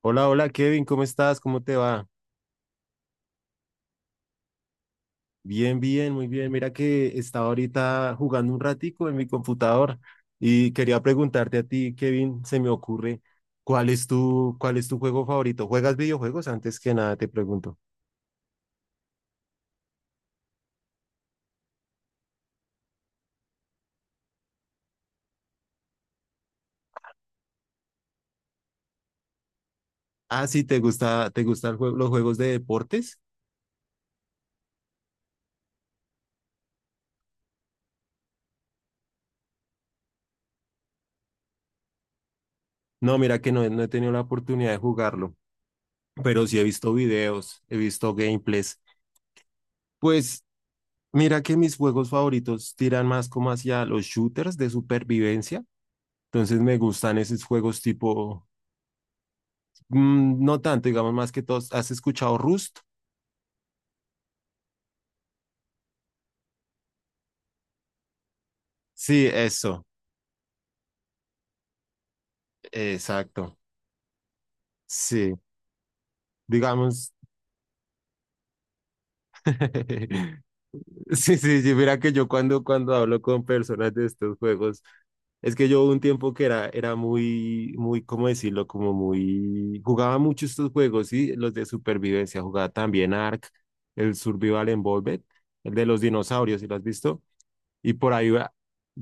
Hola, hola Kevin, ¿cómo estás? ¿Cómo te va? Bien, bien, muy bien. Mira que estaba ahorita jugando un ratico en mi computador y quería preguntarte a ti, Kevin, se me ocurre, ¿cuál es tu juego favorito? ¿Juegas videojuegos? Antes que nada te pregunto. Ah, sí, te gustan los juegos de deportes? No, mira que no, no he tenido la oportunidad de jugarlo, pero sí he visto videos, he visto gameplays. Pues mira que mis juegos favoritos tiran más como hacia los shooters de supervivencia. Entonces me gustan esos juegos tipo, no tanto, digamos más que todos. ¿Has escuchado Rust? Sí, eso, exacto. Sí, digamos. Sí, sí, sí, mira que yo cuando hablo con personas de estos juegos, es que yo hubo un tiempo que era muy, muy, ¿cómo decirlo? Como muy, jugaba mucho estos juegos, sí, los de supervivencia, jugaba también Ark, el Survival Involved, el de los dinosaurios, ¿sí lo has visto? Y por ahí,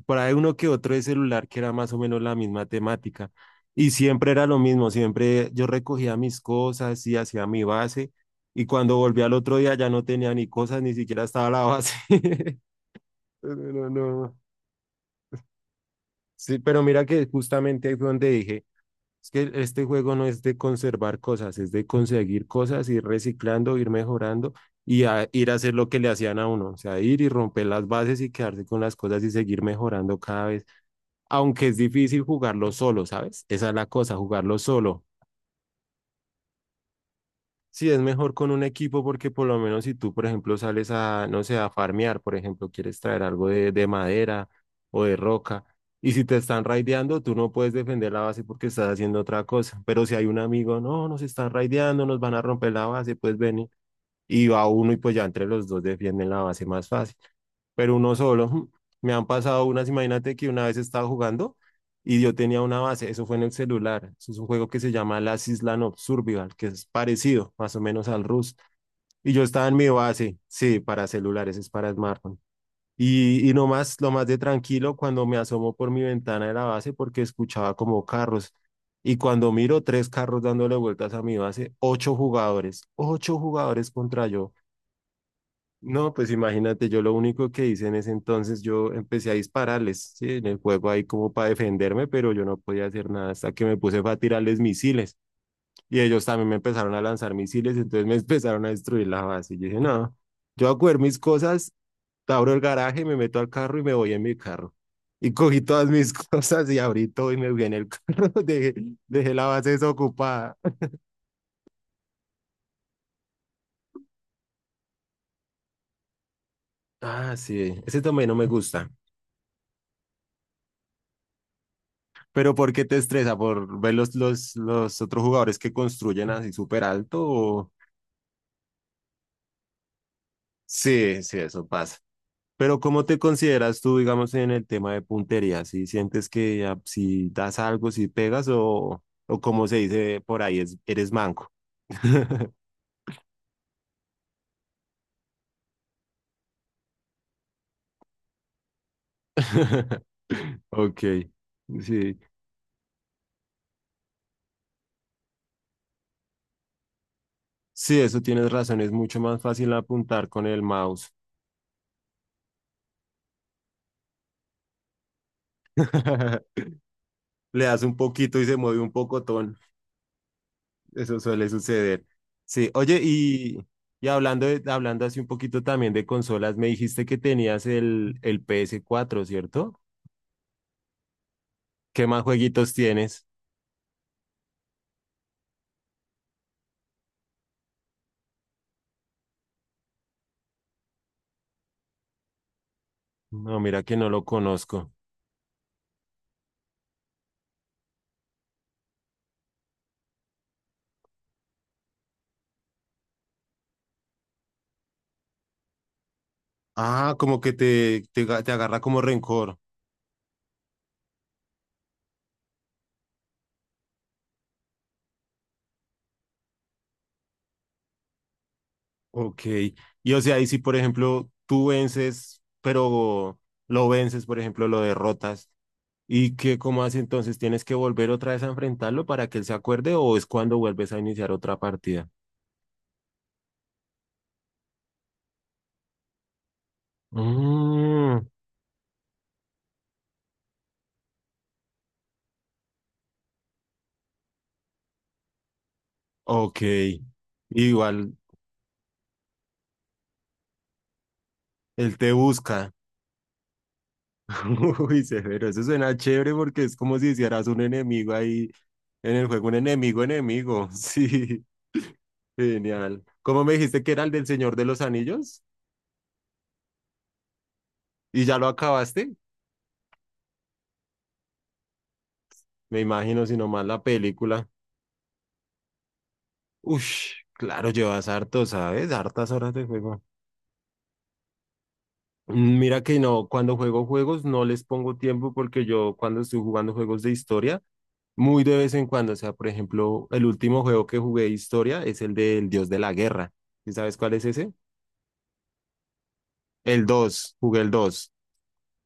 por ahí uno que otro de celular que era más o menos la misma temática. Y siempre era lo mismo, siempre yo recogía mis cosas y hacía mi base. Y cuando volví al otro día ya no tenía ni cosas, ni siquiera estaba la base. No, no, no. Sí, pero mira que justamente ahí fue donde dije, es que este juego no es de conservar cosas, es de conseguir cosas, ir reciclando, ir mejorando y ir a hacer lo que le hacían a uno, o sea, ir y romper las bases y quedarse con las cosas y seguir mejorando cada vez. Aunque es difícil jugarlo solo, ¿sabes? Esa es la cosa, jugarlo solo. Sí, es mejor con un equipo porque por lo menos si tú, por ejemplo, sales a, no sé, a farmear, por ejemplo, quieres traer algo de madera o de roca, y si te están raideando, tú no puedes defender la base porque estás haciendo otra cosa. Pero si hay un amigo, no, nos están raideando, nos van a romper la base, pues ven y va uno y pues ya entre los dos defienden la base más fácil. Pero uno solo, me han pasado unas, imagínate que una vez estaba jugando y yo tenía una base, eso fue en el celular, eso es un juego que se llama Last Island of Survival, que es parecido más o menos al Rust. Y yo estaba en mi base, sí, para celulares, es para smartphone. Y no más, lo más de tranquilo cuando me asomo por mi ventana de la base porque escuchaba como carros. Y cuando miro tres carros dándole vueltas a mi base, ocho jugadores contra yo. No, pues imagínate, yo lo único que hice en ese entonces, yo empecé a dispararles, ¿sí? En el juego ahí como para defenderme, pero yo no podía hacer nada hasta que me puse fue a tirarles misiles. Y ellos también me empezaron a lanzar misiles, entonces me empezaron a destruir la base. Y yo dije, no, yo voy a coger mis cosas, abro el garaje, me meto al carro y me voy en mi carro. Y cogí todas mis cosas y abrí todo y me fui en el carro, dejé, dejé la base desocupada. Ah, sí, ese también no me gusta. Pero ¿por qué te estresa? ¿Por ver los otros jugadores que construyen así súper alto? O- Sí, sí, eso pasa. Pero ¿cómo te consideras tú, digamos, en el tema de puntería? ¿Si sientes que ah, si das algo, si pegas o como se dice por ahí, eres manco? Ok, sí. Sí, eso tienes razón, es mucho más fácil apuntar con el mouse. Le das un poquito y se mueve un pocotón. Eso suele suceder. Sí, oye, y hablando así un poquito también de consolas, me dijiste que tenías el PS4, ¿cierto? ¿Qué más jueguitos tienes? No, mira que no lo conozco. Ah, como que te agarra como rencor. Ok. Y o sea, y si por ejemplo tú vences, pero lo vences, por ejemplo, lo derrotas, ¿y qué, cómo hace entonces? ¿Tienes que volver otra vez a enfrentarlo para que él se acuerde o es cuando vuelves a iniciar otra partida? Mm. Ok, igual él te busca. Uy, severo, eso suena chévere porque es como si hicieras un enemigo ahí en el juego, un enemigo enemigo. Sí, genial. ¿Cómo me dijiste que era el del Señor de los Anillos? ¿Y ya lo acabaste? Me imagino, si no más la película. Ush, claro, llevas harto, ¿sabes? Hartas horas de juego. Mira que no, cuando juego juegos no les pongo tiempo porque yo cuando estoy jugando juegos de historia, muy de vez en cuando, o sea, por ejemplo, el último juego que jugué de historia es el del Dios de la Guerra. ¿Y sabes cuál es ese? El 2, jugué el 2,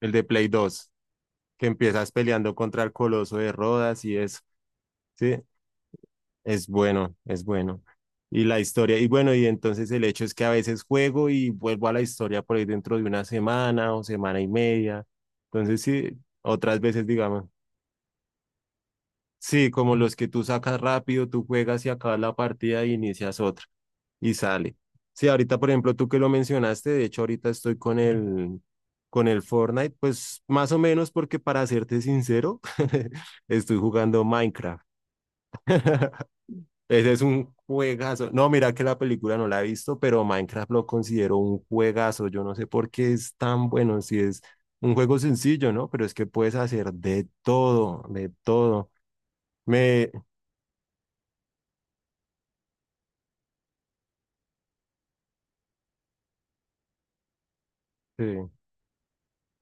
el de Play 2, que empiezas peleando contra el Coloso de Rodas y eso, ¿sí? Es bueno, es bueno. Y la historia, y bueno, y entonces el hecho es que a veces juego y vuelvo a la historia por ahí dentro de una semana o semana y media. Entonces sí, otras veces digamos, sí, como los que tú sacas rápido, tú juegas y acabas la partida y inicias otra y sale. Sí, ahorita por ejemplo tú que lo mencionaste, de hecho ahorita estoy con el Fortnite, pues más o menos porque para serte sincero, estoy jugando Minecraft. Ese es un juegazo. No, mira que la película no la he visto, pero Minecraft lo considero un juegazo. Yo no sé por qué es tan bueno, si es un juego sencillo, ¿no? Pero es que puedes hacer de todo, de todo. Me, sí.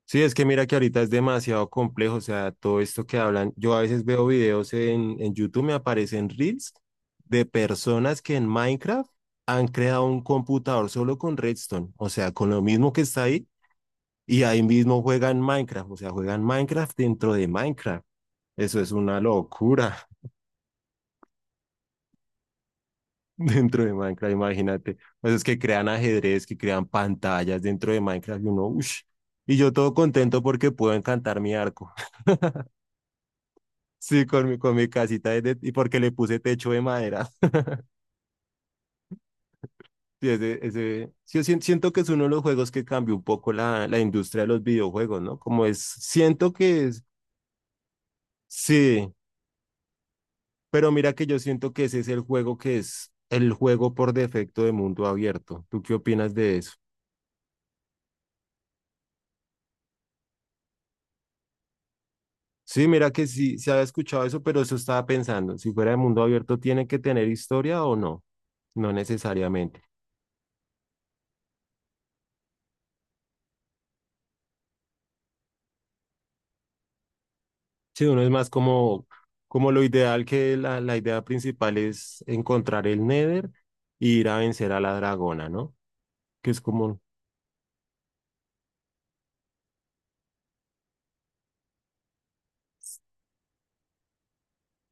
Sí, es que mira que ahorita es demasiado complejo, o sea, todo esto que hablan, yo a veces veo videos en YouTube, me aparecen reels de personas que en Minecraft han creado un computador solo con Redstone, o sea, con lo mismo que está ahí. Y ahí mismo juegan Minecraft, o sea, juegan Minecraft dentro de Minecraft. Eso es una locura dentro de Minecraft, imagínate. Pues es que crean ajedrez, que crean pantallas dentro de Minecraft y uno, uff. Y yo todo contento porque puedo encantar mi arco. Sí, con mi casita y porque le puse techo de madera. Sí, ese, sí, yo siento que es uno de los juegos que cambió un poco la industria de los videojuegos, ¿no? Como es, siento que es, sí. Pero mira que yo siento que ese es el juego que es el juego por defecto de mundo abierto. ¿Tú qué opinas de eso? Sí, mira que sí, se había escuchado eso, pero eso estaba pensando, si fuera de mundo abierto, ¿tiene que tener historia o no? No necesariamente. Sí, uno es más como, como lo ideal, que la idea principal es encontrar el Nether y ir a vencer a la dragona, ¿no? Que es como,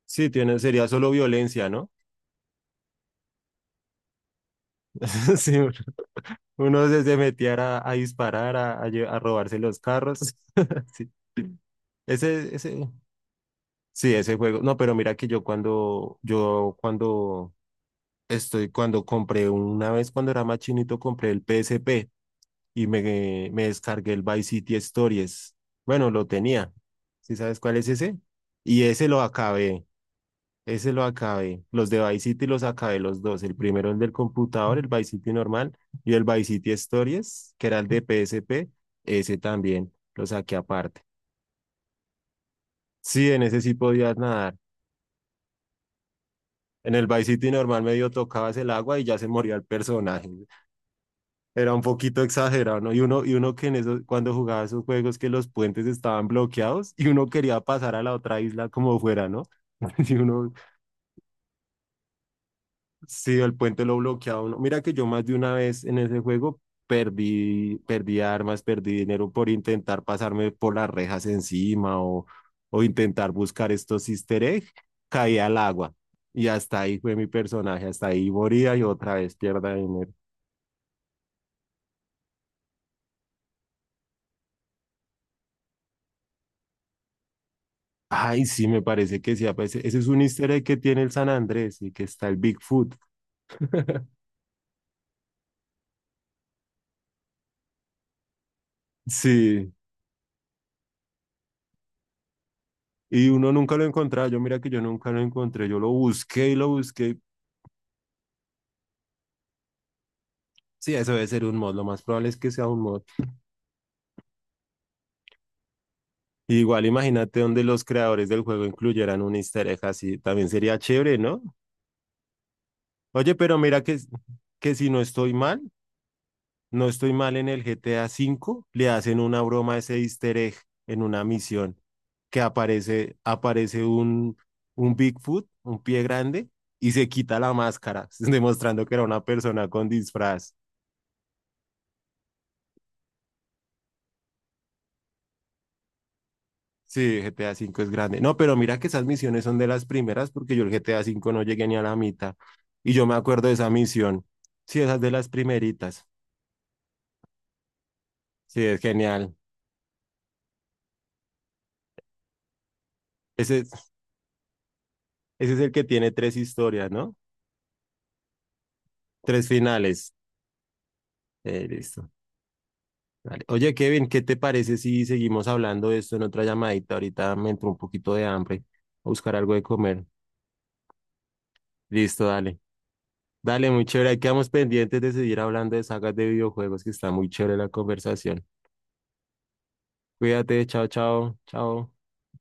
sí, tiene, sería solo violencia, ¿no? Sí, uno se, se metía a, disparar, a robarse los carros. Sí. Ese, sí, ese juego. No, pero mira que yo cuando, cuando compré una vez cuando era más chinito, compré el PSP y me descargué el Vice City Stories. Bueno, lo tenía. ¿Sí sabes cuál es ese? Y ese lo acabé. Ese lo acabé. Los de Vice City los acabé los dos. El primero, el del computador, el Vice City normal, y el Vice City Stories, que era el de PSP. Ese también lo saqué aparte. Sí, en ese sí podías nadar. En el Vice City normal medio tocabas el agua y ya se moría el personaje. Era un poquito exagerado, ¿no? Y uno que en esos, cuando jugaba esos juegos que los puentes estaban bloqueados y uno quería pasar a la otra isla como fuera, ¿no? Y uno sí, el puente lo bloqueaba uno. Mira que yo más de una vez en ese juego perdí, perdí armas, perdí dinero por intentar pasarme por las rejas encima o intentar buscar estos easter eggs, caí al agua. Y hasta ahí fue mi personaje, hasta ahí moría y otra vez pierda dinero. Ay, sí, me parece que sí. Ah, pues, ese es un easter egg que tiene el San Andrés y que está el Bigfoot. Sí, y uno nunca lo encontraba. Yo mira que yo nunca lo encontré. Yo lo busqué y lo busqué. Sí, eso debe ser un mod. Lo más probable es que sea un mod. Igual imagínate donde los creadores del juego incluyeran un easter egg así. También sería chévere, ¿no? Oye, pero mira que, si no estoy mal, en el GTA V, le hacen una broma a ese easter egg en una misión que aparece un Bigfoot, un pie grande, y se quita la máscara, demostrando que era una persona con disfraz. Sí, GTA V es grande. No, pero mira que esas misiones son de las primeras porque yo el GTA V no llegué ni a la mitad. Y yo me acuerdo de esa misión. Sí, esas de las primeritas. Sí, es genial. Ese, es- Ese es el que tiene tres historias, ¿no? Tres finales. Listo. Vale. Oye, Kevin, ¿qué te parece si seguimos hablando de esto en otra llamadita? Ahorita me entró un poquito de hambre. A buscar algo de comer. Listo, dale. Dale, muy chévere. Ahí quedamos pendientes de seguir hablando de sagas de videojuegos, que está muy chévere la conversación. Cuídate, chao, chao, chao.